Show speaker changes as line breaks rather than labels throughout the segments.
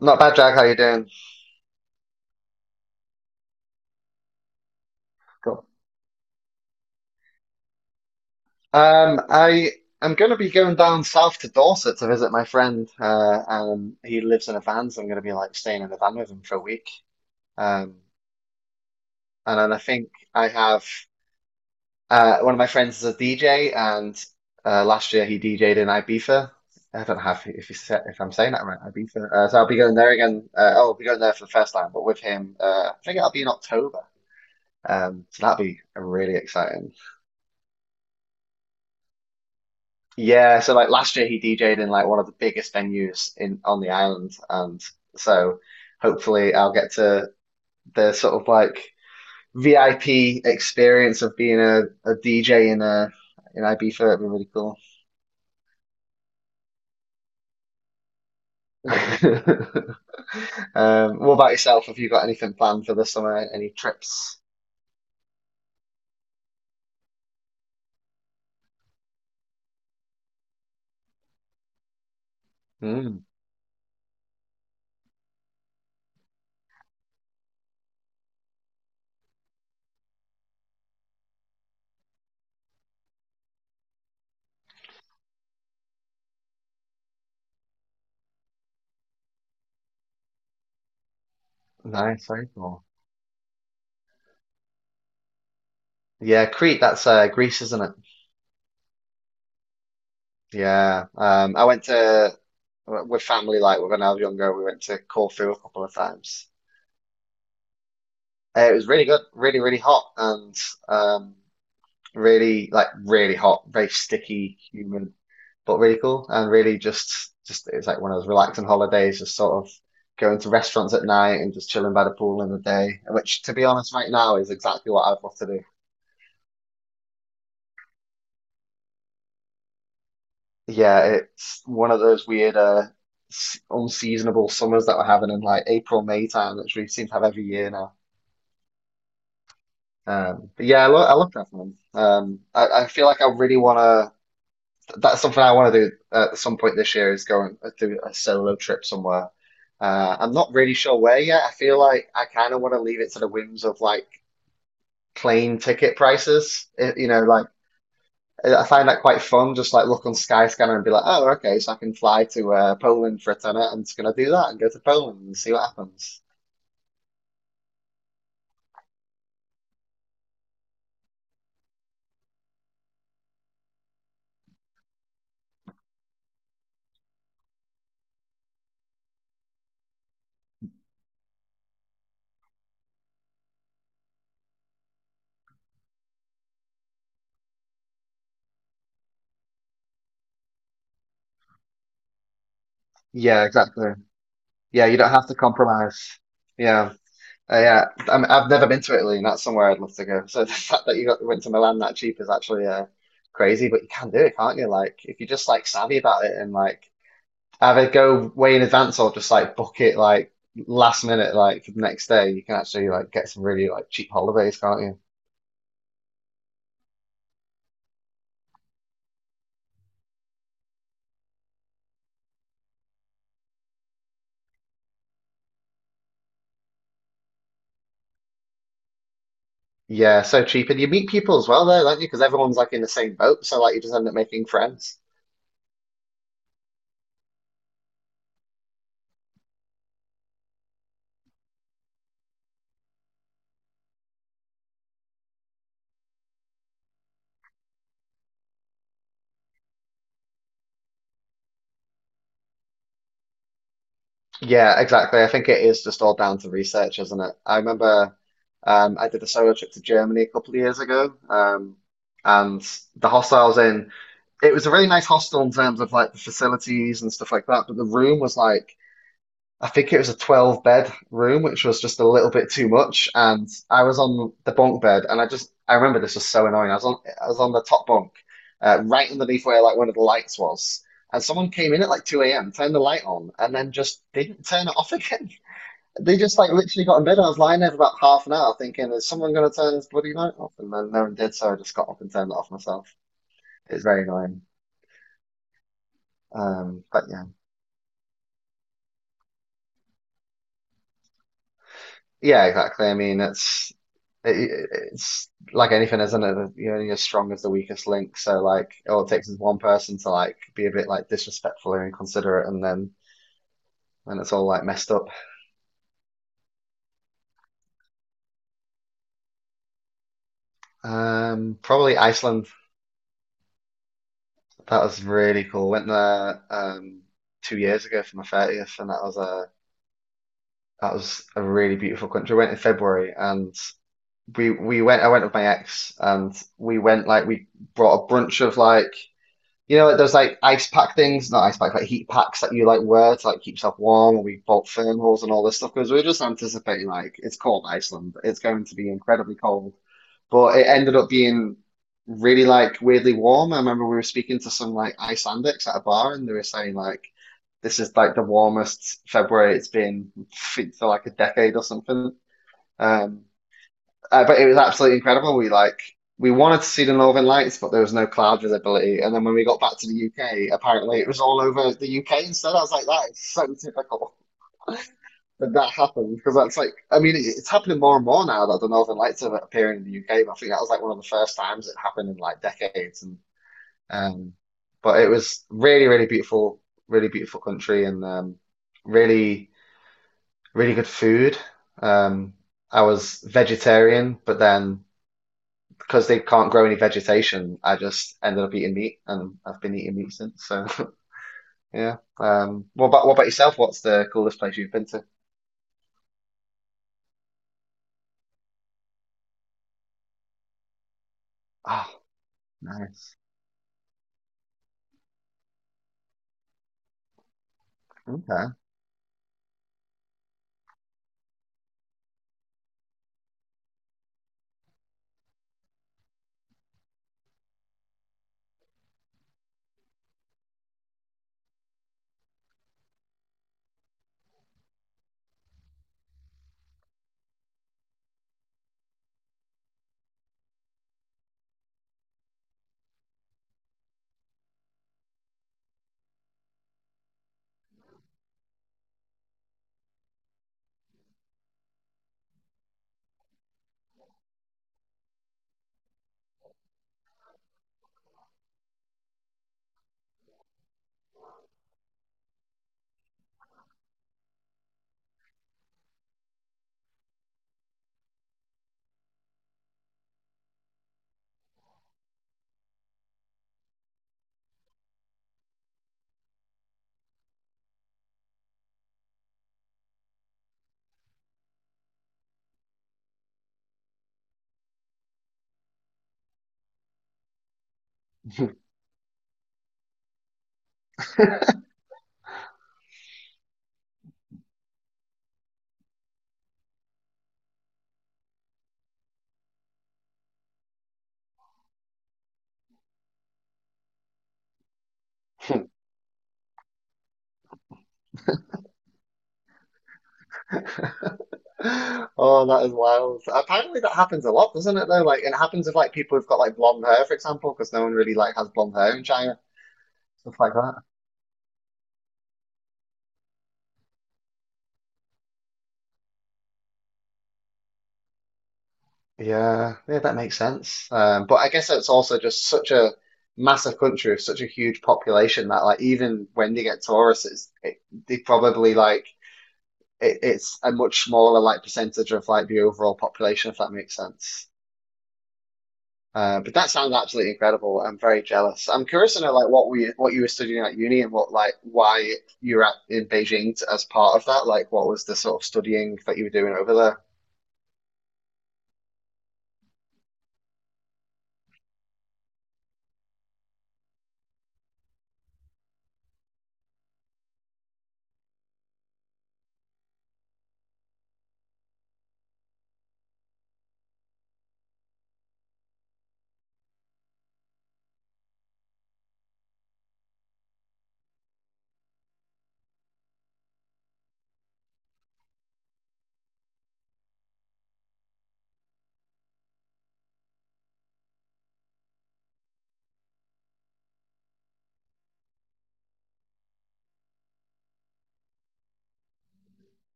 Not bad, Jack. How you doing? Cool. I am going to be going down south to Dorset to visit my friend. He lives in a van, so I'm going to be like staying in a van with him for a week. Um, and then I think I have one of my friends is a DJ, and last year he DJ'd in Ibiza. I don't know if, he said, if I'm saying that right, Ibiza. So I'll be going there again. Oh, I'll be going there for the first time, but with him. I think it'll be in October. So that'll be really exciting. Yeah, so like last year he DJ'd in like one of the biggest venues in on the island, and so hopefully I'll get to the sort of like VIP experience of being a DJ in Ibiza. It'd be really cool. What about yourself? Have you got anything planned for the summer? Any trips? Mm, nice, very cool. Yeah, Crete, that's Greece, isn't it? Yeah. I went to with family like when I was younger. We went to Corfu a couple of times. It was really good, really, really hot, and um, really hot, very sticky, humid, but really cool, and really just it was like one of those relaxing holidays, just sort of going to restaurants at night and just chilling by the pool in the day, which to be honest, right now is exactly what I'd love to do. Yeah, it's one of those unseasonable summers that we're having in like April, May time, which we seem to have every year now. But yeah, I love traveling. I feel like I really want to. That's something I want to do at some point this year is go and do a solo trip somewhere. I'm not really sure where yet. I feel like I kind of want to leave it to the whims of like plane ticket prices, like I find that quite fun. Just like look on Skyscanner and be like, oh, okay, so I can fly to Poland for a tenner. I'm just gonna do that and go to Poland and see what happens. Yeah, exactly. Yeah, you don't have to compromise. Yeah. Uh, yeah, I mean, I've never been to Italy, and that's somewhere I'd love to go. So the fact that you got went to Milan that cheap is actually crazy, but you can do it, can't you? Like if you're just like savvy about it and like either go way in advance or just like book it like last minute, like for the next day, you can actually like get some really like cheap holidays, can't you? Yeah, so cheap, and you meet people as well there, don't you? Because everyone's like in the same boat, so like you just end up making friends. Yeah, exactly. I think it is just all down to research, isn't it? I remember. I did a solo trip to Germany a couple of years ago, and the hostel I was in, it was a really nice hostel in terms of like the facilities and stuff like that. But the room was like, I think it was a 12 bed room, which was just a little bit too much. And I was on the bunk bed, and I remember this was so annoying. I was on the top bunk, right underneath where like one of the lights was. And someone came in at like 2 a.m., turned the light on, and then just didn't turn it off again. They just like literally got in bed. I was lying there for about half an hour thinking, is someone going to turn this bloody light off? And then no one did, so I just got up and turned it off myself. It's very annoying. Um, but yeah, yeah, exactly. I mean, it, it's like anything, isn't it? You're only as strong as the weakest link. So like, all it takes is one person to like be a bit like disrespectful or inconsiderate, and then and it's all like messed up. Probably Iceland. That was really cool. Went there 2 years ago for my 30th, and that was a really beautiful country. I went in February, and we went I went with my ex, and we went like we brought a bunch of like like those like ice pack things, not ice pack, like heat packs that you like wear to like keep yourself warm, and we bought thermals and all this stuff because we were just anticipating like it's cold Iceland. It's going to be incredibly cold. But it ended up being really like weirdly warm. I remember we were speaking to some like Icelandics at a bar, and they were saying like this is like the warmest February it's been for like a decade or something. Um, but it was absolutely incredible. We wanted to see the Northern Lights, but there was no cloud visibility. And then when we got back to the UK, apparently it was all over the UK instead. I was like, that is so typical that that happened, because that's like, I mean, it's happening more and more now that the Northern Lights are appearing in the UK. But I think that was like one of the first times it happened in like decades. And um, but it was really, really beautiful country, and really, really good food. Um, I was vegetarian, but then, because they can't grow any vegetation, I just ended up eating meat, and I've been eating meat since. So yeah. What about what about yourself? What's the coolest place you've been to? Oh, nice. Okay. Oh, that is wild. Apparently, that happens a lot, doesn't it? Though, like, and it happens with like people who've got like blonde hair, for example, because no one really like has blonde hair in China, stuff like that. Yeah, yeah, that makes sense. But I guess it's also just such a massive country with such a huge population that, like, even when they get tourists, they probably like it's a much smaller like percentage of like the overall population, if that makes sense. But that sounds absolutely incredible. I'm very jealous. I'm curious to know like what you were studying at uni, and what like why you were at in Beijing as part of that. Like what was the sort of studying that you were doing over there?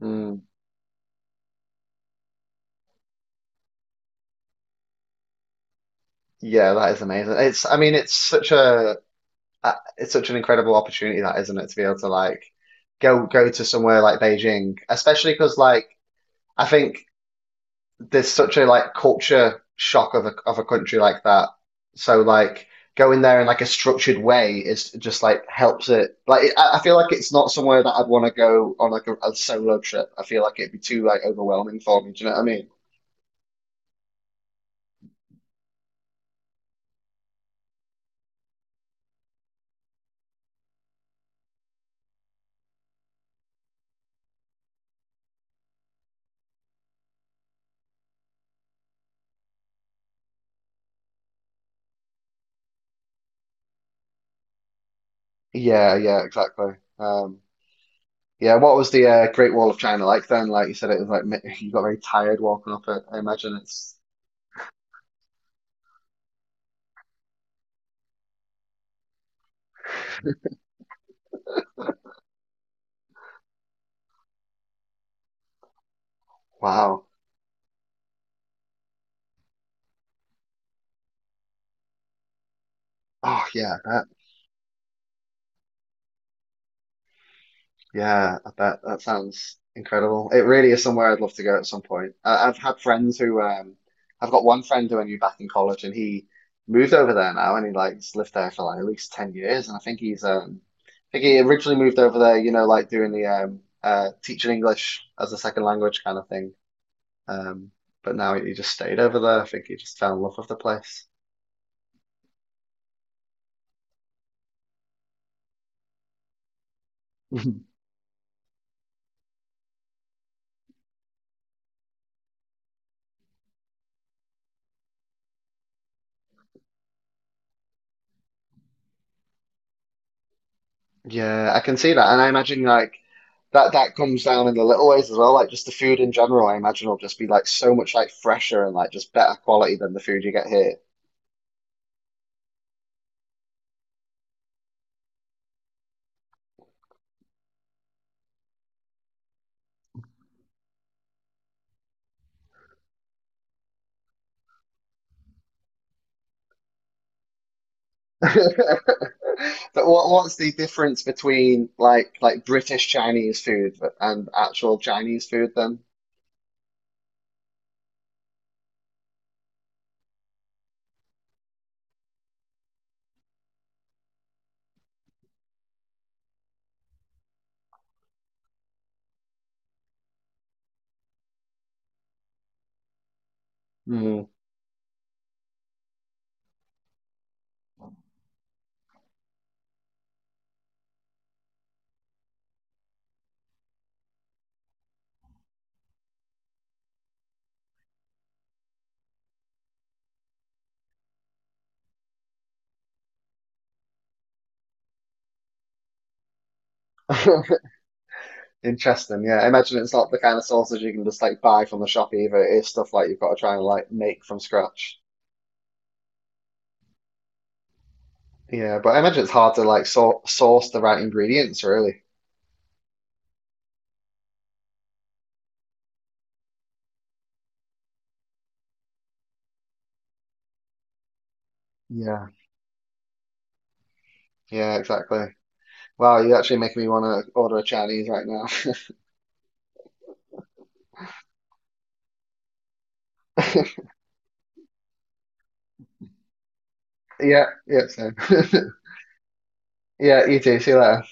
Mm, yeah, that is amazing. It's I mean it's such a it's such an incredible opportunity that, isn't it, to be able to like go to somewhere like Beijing, especially because like I think there's such a like culture shock of a country like that. So like going there in like a structured way is just like helps it. I feel like it's not somewhere that I'd want to go on like a solo trip. I feel like it'd be too like overwhelming for me. Do you know what I mean? Yeah, yeah, exactly. Yeah, what was the Great Wall of China like then? Like you said, it was like you got very tired walking up it. I imagine it's wow. Oh yeah, I bet. Yeah, I bet that sounds incredible. It really is somewhere I'd love to go at some point. I've had friends who, I've got one friend who I knew back in college, and he moved over there now, and he's lived there for like at least 10 years, and I think he's, I think he originally moved over there, you know, like doing the teaching English as a second language kind of thing. Um, but now he just stayed over there. I think he just fell in love with the place. Yeah, I can see that, and I imagine like that that comes down in the little ways as well. Like just the food in general, I imagine will just be like so much like fresher and like just better quality than the food you get here. But what's the difference between like British Chinese food and actual Chinese food then? Hmm. Interesting. Yeah, I imagine it's not the kind of sausage you can just like buy from the shop either. It is stuff like you've got to try and like make from scratch. Yeah, but I imagine it's hard to like sor source the right ingredients, really. Yeah. Yeah, exactly. Wow, you're actually making me want to order a Chinese right now. Yeah, yeah, same. Yeah, you too. See you later.